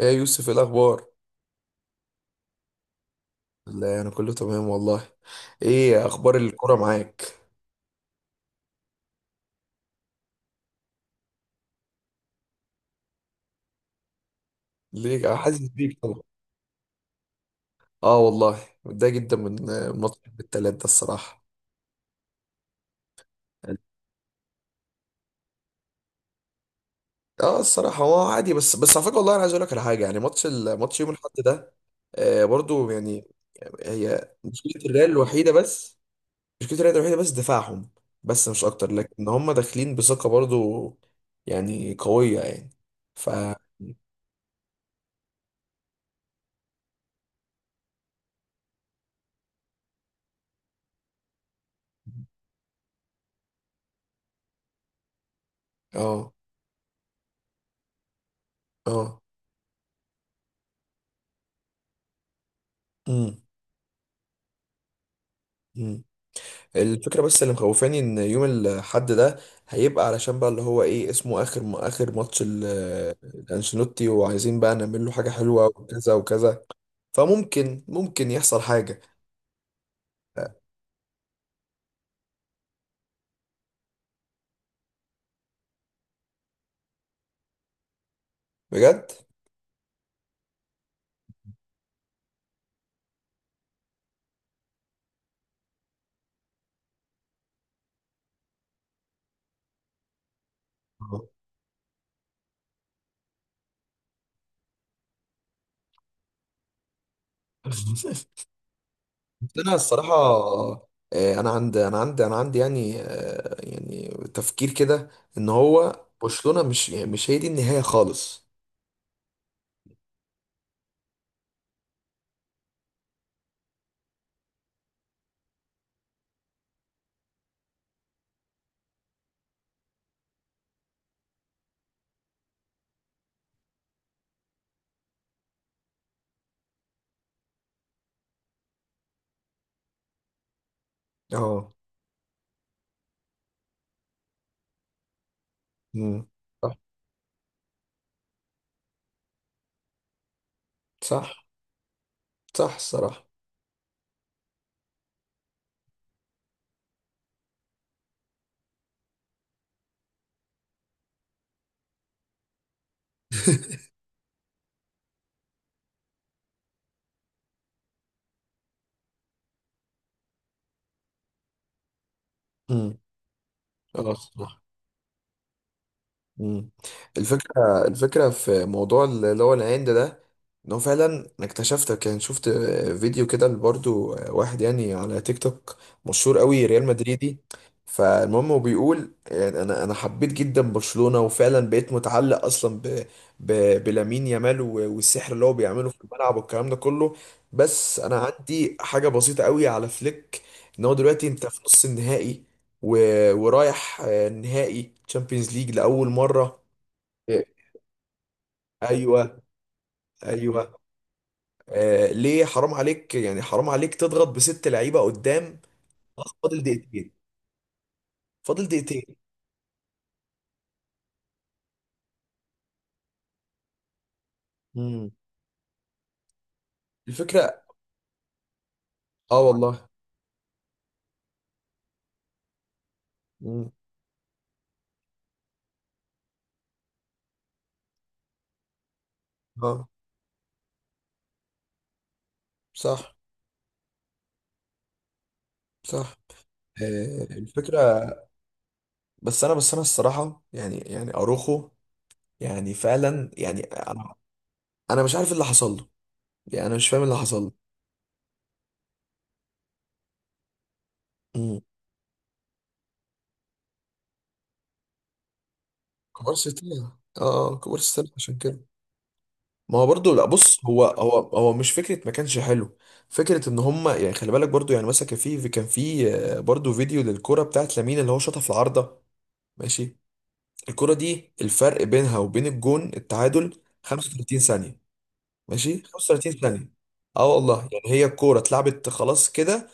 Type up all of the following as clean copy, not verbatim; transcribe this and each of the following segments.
ايه يا يوسف، ايه الاخبار؟ لا، انا كله تمام والله. ايه اخبار الكوره معاك؟ ليه، حاسس بيك طبعا. اه والله. متضايق جدا من ماتش التلات ده الصراحه. اه الصراحه هو عادي، بس على فكره، والله انا عايز اقول لك على حاجه، يعني ماتش يوم الاحد ده، آه برضو يعني. هي مشكله الريال الوحيده بس. مشكله الريال الوحيده بس دفاعهم، بس مش اكتر، لكن هم داخلين بثقه برضو، يعني قويه يعني. ف اه، اه، امم الفكرة بس اللي مخوفاني ان يوم الحد ده هيبقى، علشان بقى اللي هو ايه اسمه، اخر الانشيلوتي، وعايزين بقى نعمل له حاجة حلوة وكذا وكذا. فممكن يحصل حاجة. بجد، آه. بس انا الصراحة، انا عندي يعني يعني تفكير كده، ان هو برشلونة مش هي دي النهاية خالص. اه. مم. صح، صح، صح الصراحة. مم. اه الصراحة. مم. الفكرة في موضوع اللي هو العند ده، ان هو فعلا انا اكتشفت، كان شفت فيديو كده برضو، واحد يعني على تيك توك، مشهور قوي، ريال مدريدي. فالمهم هو بيقول يعني، انا حبيت جدا برشلونة، وفعلا بقيت متعلق اصلا ب، ب، بلامين يامال، والسحر اللي هو بيعمله في الملعب والكلام ده كله. بس انا عندي حاجة بسيطة قوي على فليك، ان هو دلوقتي انت في نص النهائي، ورايح نهائي تشامبيونز ليج لأول مرة. إيه. ايوه، ايوه. ليه، حرام عليك يعني، حرام عليك تضغط بست لعيبة قدام؟ خلاص فاضل دقيقتين، فاضل دقيقتين. مم. الفكرة. اه والله. مم. اه، صح، صح. آه الفكرة. بس انا الصراحة، يعني اروخو، يعني فعلا يعني، انا مش عارف اللي حصل له، يعني انا مش فاهم اللي حصل له. مم. كبار ستة. اه. كبار ستة عشان كده. ما هو برضه، لا بص، هو مش فكره ما كانش حلو. فكره ان هم يعني، خلي بالك برضه، يعني مثلا كان في برضه فيديو للكره بتاعت لامين اللي هو شاطها في العارضه. ماشي. الكره دي الفرق بينها وبين الجون التعادل 35 ثانيه، ماشي 35 ثانيه. اه والله، يعني هي الكوره اتلعبت خلاص كده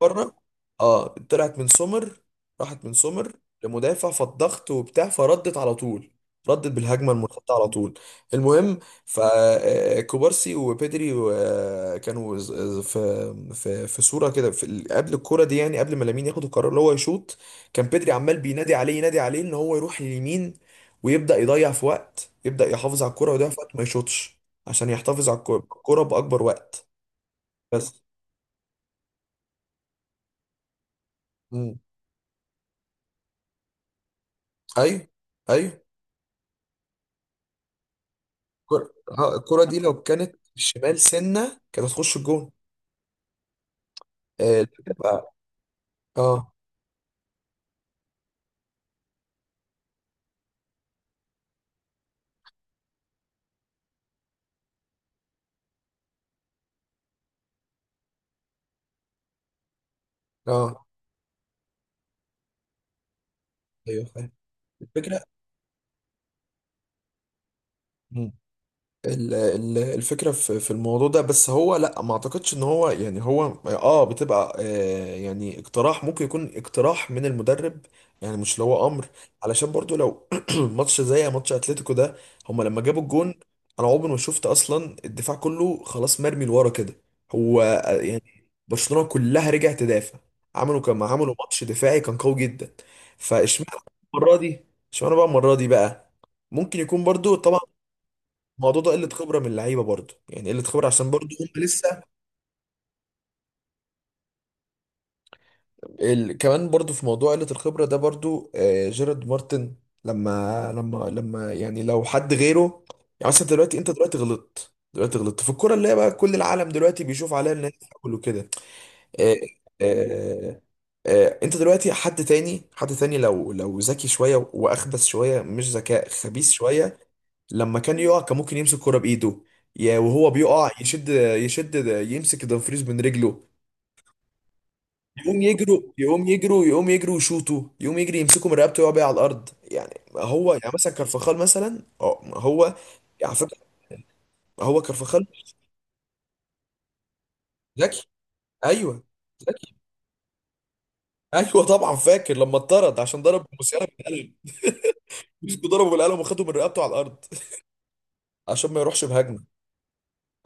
بره. اه، طلعت من سومر، راحت من سومر لمدافع، فالضغط وبتاع فردت على طول، ردت بالهجمه المنحطه على طول. المهم، فكوبارسي وبيدري كانوا في صوره كده، قبل الكوره دي، يعني قبل ما لامين ياخد القرار اللي هو يشوط، كان بيدري عمال بينادي عليه، ينادي عليه ان هو يروح لليمين، ويبدا يضيع في وقت، يبدا يحافظ على الكوره ويضيع في وقت ما يشوطش، عشان يحتفظ على الكوره باكبر وقت. بس. مم. ايوه، ايوه. الكرة، الكرة دي لو كانت بالشمال سنة كانت هتخش الجون. الفكرة بقى. اه، اه، ايوه فاهم. الفكرة، الفكرة في الموضوع ده، بس هو لا، ما اعتقدش ان هو يعني، هو بتبقى يعني اقتراح، ممكن يكون اقتراح من المدرب، يعني مش اللي هو امر. علشان برضو لو ماتش زي ماتش اتلتيكو ده، هما لما جابوا الجون، انا عمري ما شفت اصلا الدفاع كله خلاص مرمي لورا كده. هو يعني برشلونة كلها رجعت تدافع، عملوا كما عملوا ماتش دفاعي كان قوي جدا. فاشمعنى المرة دي، اشمعنى بقى المرة دي بقى؟ ممكن يكون برضو الموضوع ده قله خبره من اللعيبه برضو، يعني قله خبره، عشان برضو هم لسه. كمان برضو في موضوع قله الخبره ده برضو، آه جيرارد مارتن، لما يعني لو حد غيره، يعني مثلا دلوقتي انت دلوقتي غلطت، في الكوره اللي هي بقى كل العالم دلوقتي بيشوف عليها ان هي فاول وكده. آه، آه، آه. انت دلوقتي حد تاني، حد تاني، لو ذكي شويه واخبث شويه، مش ذكاء خبيث شويه، لما كان يقع كان ممكن يمسك كرة بايده، يا وهو بيقع يشد، يشد، يمسك دومفريز من رجله، يقوم يجروا، يقوم يجروا، يقوم يجروا، يشوطوا، يقوم يجري، يمسكوا من رقبته ويقع بيه على الارض. يعني هو، يعني مثلا كارفخال مثلا، اه هو على فكره، هو كارفخال ذكي. ايوه، ذكي. ايوه طبعا، فاكر لما اتطرد عشان ضرب موسيالا بالقلم؟ مسكوا، ضربه بالقلم وخدوا من رقبته على الارض، عشان ما يروحش بهجمه.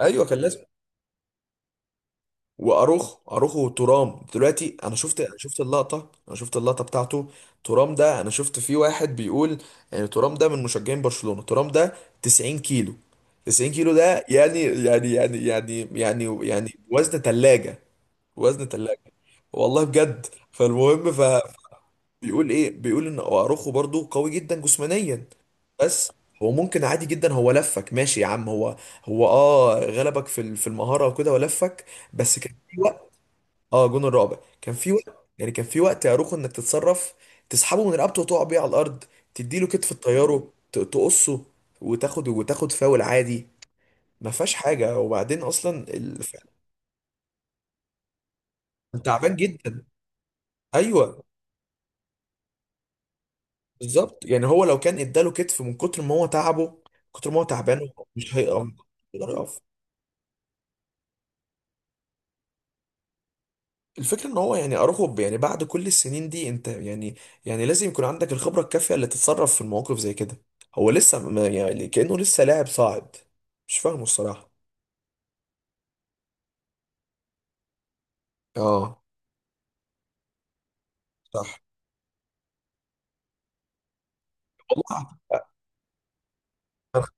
ايوه كان لازم. واروخو وترام، دلوقتي انا شفت اللقطه، انا شفت اللقطه بتاعته. ترام ده انا شفت فيه واحد بيقول يعني، ترام ده من مشجعين برشلونه، ترام ده 90 كيلو. 90 كيلو ده، يعني وزن ثلاجه، وزن ثلاجه. والله بجد. فالمهم، فبيقول ايه؟ بيقول ان اروخو برضو قوي جدا جسمانيا، بس هو ممكن عادي جدا، هو لفك ماشي يا عم، هو غلبك في في المهاره وكده ولفك. بس كان اه، جون الرعب كان في وقت، يعني كان في وقت يا روخو انك تتصرف، تسحبه من رقبته وتقع بيه على الارض، تديله كتف تطيره، تقصه، وتاخد فاول عادي، ما فيهاش حاجه. وبعدين اصلا تعبان جدا. ايوه بالظبط، يعني هو لو كان اداله كتف من كتر ما هو تعبه، من كتر ما هو تعبان مش هيقف، مش هيقدر يقف. الفكرة ان هو يعني اراخو، يعني بعد كل السنين دي انت يعني، يعني لازم يكون عندك الخبرة الكافية اللي تتصرف في المواقف زي كده. هو لسه، ما يعني، كأنه لسه لاعب صاعد، مش فاهمه الصراحة. اه صح والله. أعتقد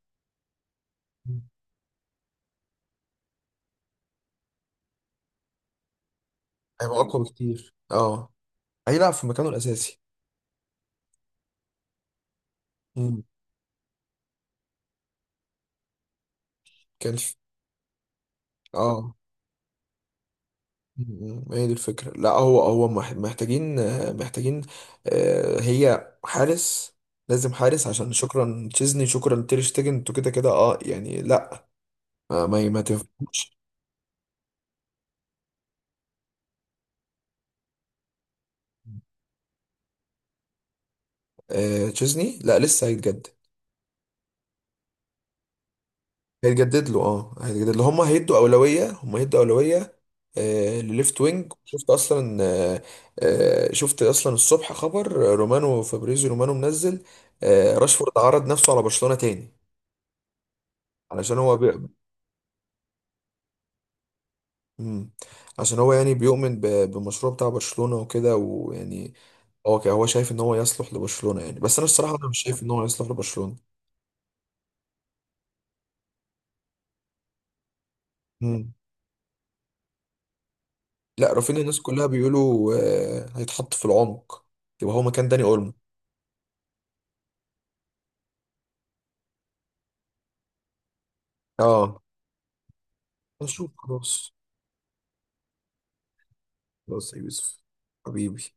هيبقى اقوى بكتير، اه، هيلعب في مكانه الاساسي. امم. كان في... اه، هي دي الفكرة، لا هو محتاجين، محتاجين، هي حارس، لازم حارس، عشان شكرا تشيزني، شكرا تير شتيجن، انتوا كده كده، اه يعني، لا ما تنفعش. تشيزني لا، لسه هيتجدد. هيتجدد له، هيتجدد له، هم هيدوا أولوية، هم هيدوا أولوية. لليفت وينج، شفت أصلا. آه شفت أصلا الصبح خبر، رومانو فابريزي، رومانو منزل، راشفورد عرض نفسه على برشلونة تاني، علشان هو مم. عشان هو يعني بيؤمن بالمشروع بتاع برشلونة وكده، ويعني هو هو شايف ان هو يصلح لبرشلونة يعني، بس انا الصراحة انا مش شايف ان هو يصلح لبرشلونة. لا، رافينيا الناس كلها بيقولوا هيتحط في العمق، يبقى هو مكان داني اولمو. اه نشوف خلاص. خلاص يا يوسف. حبيبي.